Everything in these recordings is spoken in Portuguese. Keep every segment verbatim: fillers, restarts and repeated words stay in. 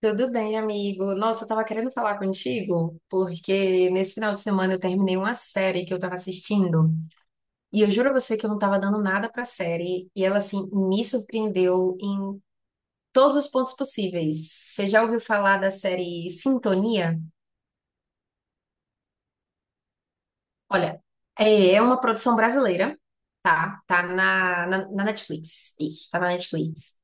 Tudo bem, amigo. Nossa, eu tava querendo falar contigo, porque nesse final de semana eu terminei uma série que eu tava assistindo, e eu juro a você que eu não tava dando nada pra série, e ela, assim, me surpreendeu em todos os pontos possíveis. Você já ouviu falar da série Sintonia? Olha, é é uma produção brasileira, tá? Tá na, na, na Netflix. Isso, tá na Netflix.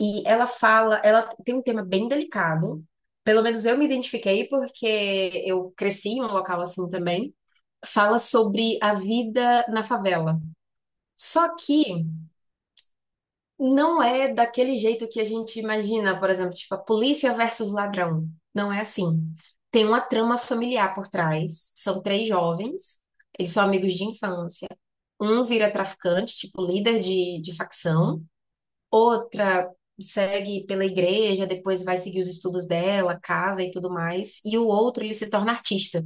E ela fala, ela tem um tema bem delicado, pelo menos eu me identifiquei porque eu cresci em um local assim também. Fala sobre a vida na favela. Só que não é daquele jeito que a gente imagina, por exemplo, tipo a polícia versus ladrão. Não é assim. Tem uma trama familiar por trás. São três jovens, eles são amigos de infância. Um vira traficante, tipo líder de, de facção. Outra segue pela igreja, depois vai seguir os estudos dela, casa e tudo mais. E o outro, ele se torna artista.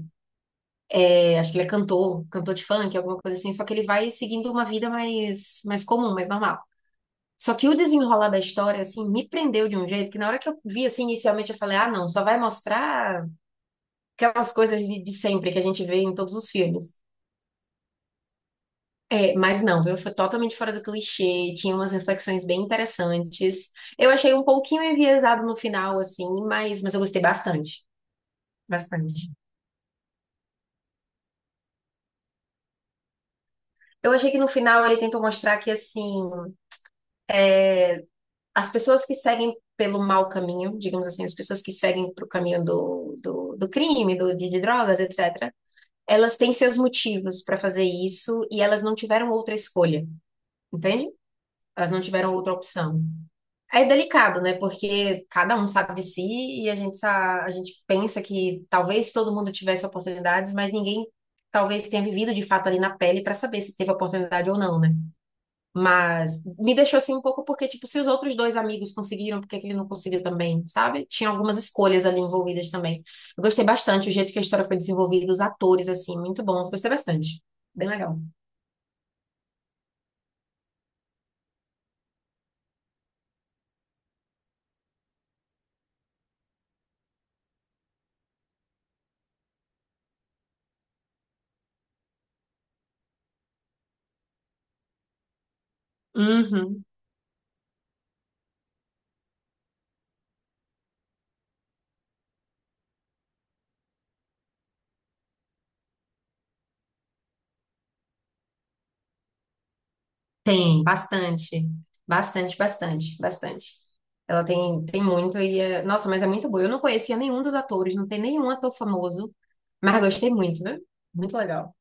Acho que ele é cantor, cantor de funk, alguma coisa assim, só que ele vai seguindo uma vida mais, mais comum, mais normal. Só que o desenrolar da história, assim, me prendeu de um jeito que na hora que eu vi, assim, inicialmente eu falei, ah, não, só vai mostrar aquelas coisas de, de sempre que a gente vê em todos os filmes. É, mas não, viu? Foi totalmente fora do clichê, tinha umas reflexões bem interessantes. Eu achei um pouquinho enviesado no final, assim, mas, mas eu gostei bastante, bastante. Eu achei que no final ele tentou mostrar que, assim, as pessoas que seguem pelo mau caminho, digamos assim, as pessoas que seguem para o caminho do, do, do crime, do, de, de drogas, etcétera, elas têm seus motivos para fazer isso e elas não tiveram outra escolha, entende? Elas não tiveram outra opção. É delicado, né? Porque cada um sabe de si e a gente, sa- a gente pensa que talvez todo mundo tivesse oportunidades, mas ninguém talvez tenha vivido de fato ali na pele para saber se teve oportunidade ou não, né? Mas me deixou assim um pouco porque, tipo, se os outros dois amigos conseguiram, por que que ele não conseguiu também, sabe? Tinha algumas escolhas ali envolvidas também. Eu gostei bastante o jeito que a história foi desenvolvida, os atores, assim, muito bons. Gostei bastante. Bem legal. Uhum. Tem, bastante. Bastante, bastante, bastante. Ela tem, tem muito e é... Nossa, mas é muito boa. Eu não conhecia nenhum dos atores, não tem nenhum ator famoso, mas gostei muito, né? Muito legal.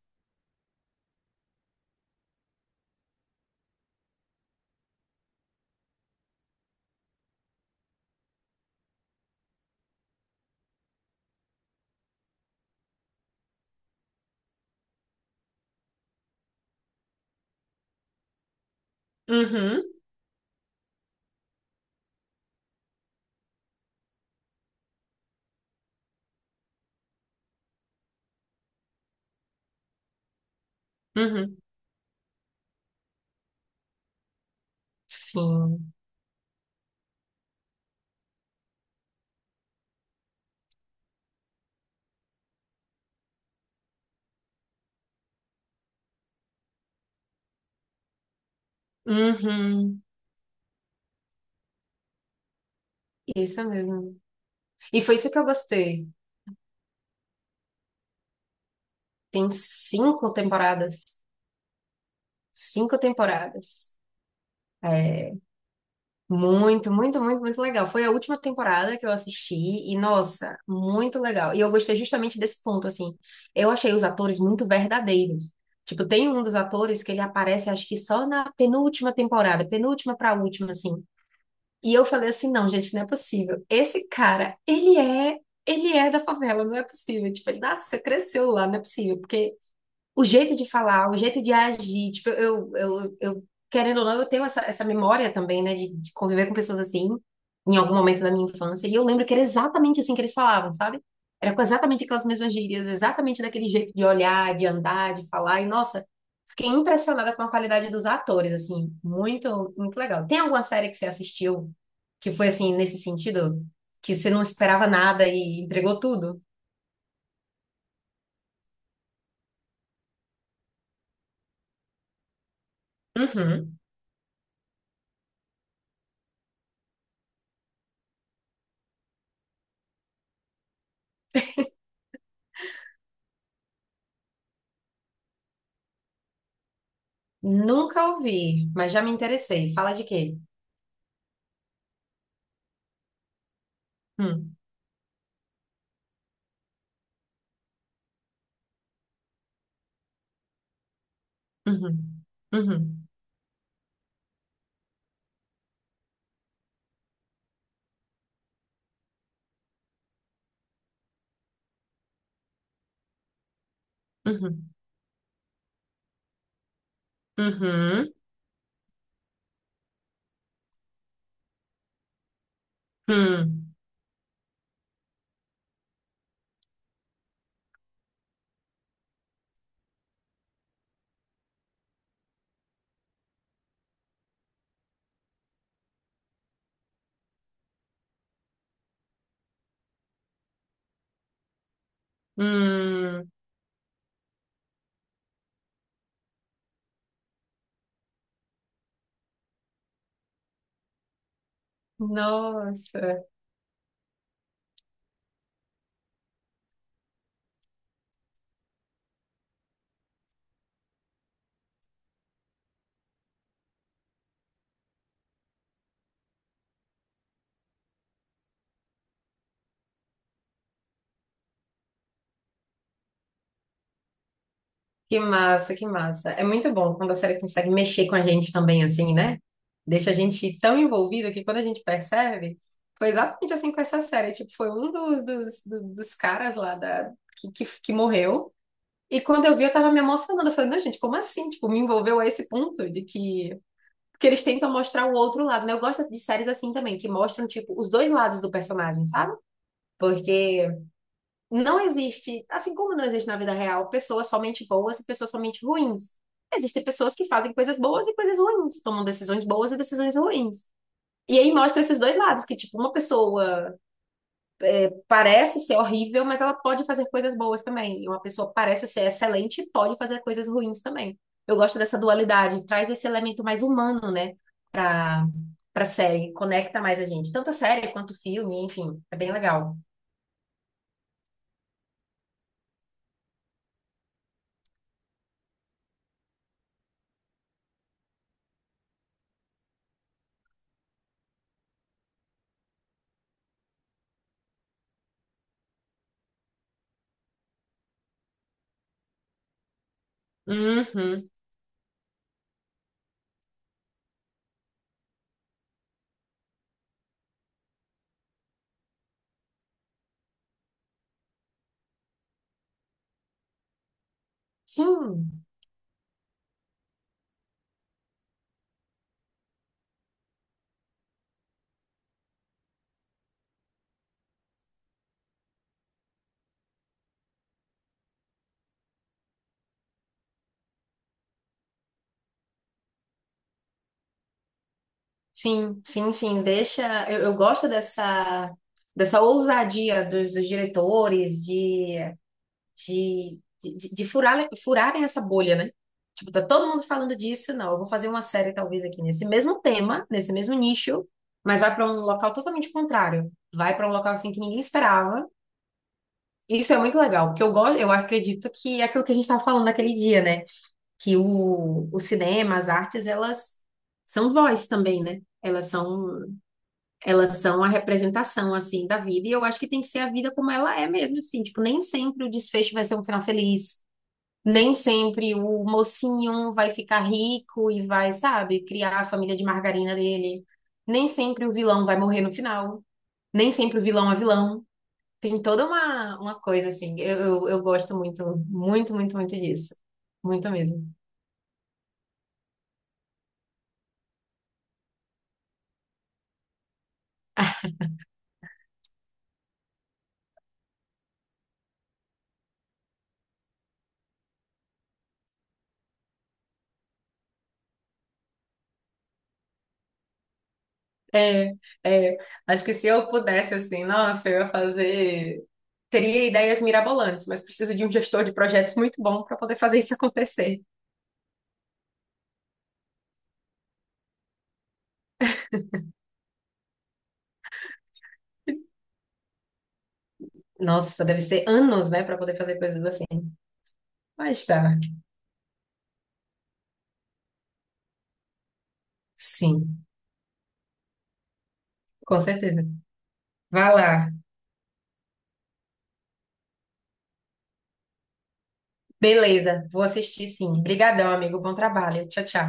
Uhum, uhum. Sim. Uhum. Isso mesmo. E foi isso que eu gostei. Tem cinco temporadas. Cinco temporadas. É muito, muito, muito, muito legal. Foi a última temporada que eu assisti e, nossa, muito legal. E eu gostei justamente desse ponto, assim. Eu achei os atores muito verdadeiros. Tipo, tem um dos atores que ele aparece, acho que só na penúltima temporada, penúltima pra última, assim. E eu falei assim, não, gente, não é possível. Esse cara, ele é, ele é da favela, não é possível. Tipo, ele nasceu, cresceu lá, não é possível, porque o jeito de falar, o jeito de agir. Tipo, eu, eu, eu querendo ou não, eu tenho essa, essa memória também, né, de, de conviver com pessoas assim, em algum momento da minha infância. E eu lembro que era exatamente assim que eles falavam, sabe? Era com exatamente aquelas mesmas gírias, exatamente daquele jeito de olhar, de andar, de falar. E, nossa, fiquei impressionada com a qualidade dos atores, assim, muito, muito legal. Tem alguma série que você assistiu que foi assim, nesse sentido? Que você não esperava nada e entregou tudo? Uhum. Nunca ouvi, mas já me interessei. Fala de quê? Hum, uhum, uhum, uhum, uhum, hum, hum. Nossa, que massa, que massa. É muito bom quando a série consegue mexer com a gente também, assim, né? Deixa a gente tão envolvido que quando a gente percebe, foi exatamente assim com essa série. Tipo, foi um dos, dos, dos, dos caras lá da, que, que, que morreu. E quando eu vi, eu tava me emocionando. Eu falei, não, gente, como assim? Tipo, me envolveu a esse ponto de que porque eles tentam mostrar o outro lado, né? Eu gosto de séries assim também, que mostram, tipo, os dois lados do personagem, sabe? Porque não existe, assim como não existe na vida real, pessoas somente boas e pessoas somente ruins. Existem pessoas que fazem coisas boas e coisas ruins, tomam decisões boas e decisões ruins. E aí mostra esses dois lados, que, tipo, uma pessoa parece ser horrível, mas ela pode fazer coisas boas também. E uma pessoa parece ser excelente e pode fazer coisas ruins também. Eu gosto dessa dualidade, traz esse elemento mais humano, né, pra, pra, série, conecta mais a gente. Tanto a série quanto o filme, enfim, é bem legal. Uhum. Sim, sim, sim, sim. Deixa. Eu, eu gosto dessa, dessa ousadia dos, dos diretores, de de, de, de- de furar, furarem essa bolha, né? Tipo, tá todo mundo falando disso, não, eu vou fazer uma série talvez aqui nesse mesmo tema, nesse mesmo nicho, mas vai para um local totalmente contrário. Vai para um local assim que ninguém esperava. Isso é muito legal, porque eu gosto, eu acredito que é aquilo que a gente estava falando naquele dia, né? Que o, o cinema, as artes, elas são voz também, né? Elas são, elas são a representação, assim, da vida, e eu acho que tem que ser a vida como ela é mesmo, assim, tipo, nem sempre o desfecho vai ser um final feliz, nem sempre o mocinho vai ficar rico e vai, sabe, criar a família de margarina dele. Nem sempre o vilão vai morrer no final. Nem sempre o vilão é vilão. Tem toda uma, uma coisa assim. Eu, eu, eu gosto muito, muito, muito, muito disso. Muito mesmo. É, é. Acho que se eu pudesse, assim, nossa, eu ia fazer. Teria ideias mirabolantes, mas preciso de um gestor de projetos muito bom para poder fazer isso acontecer. Nossa, deve ser anos, né, para poder fazer coisas assim. Mas tá. Sim. Com certeza. Vá lá. Beleza, vou assistir sim. Obrigadão, amigo. Bom trabalho. Tchau, tchau.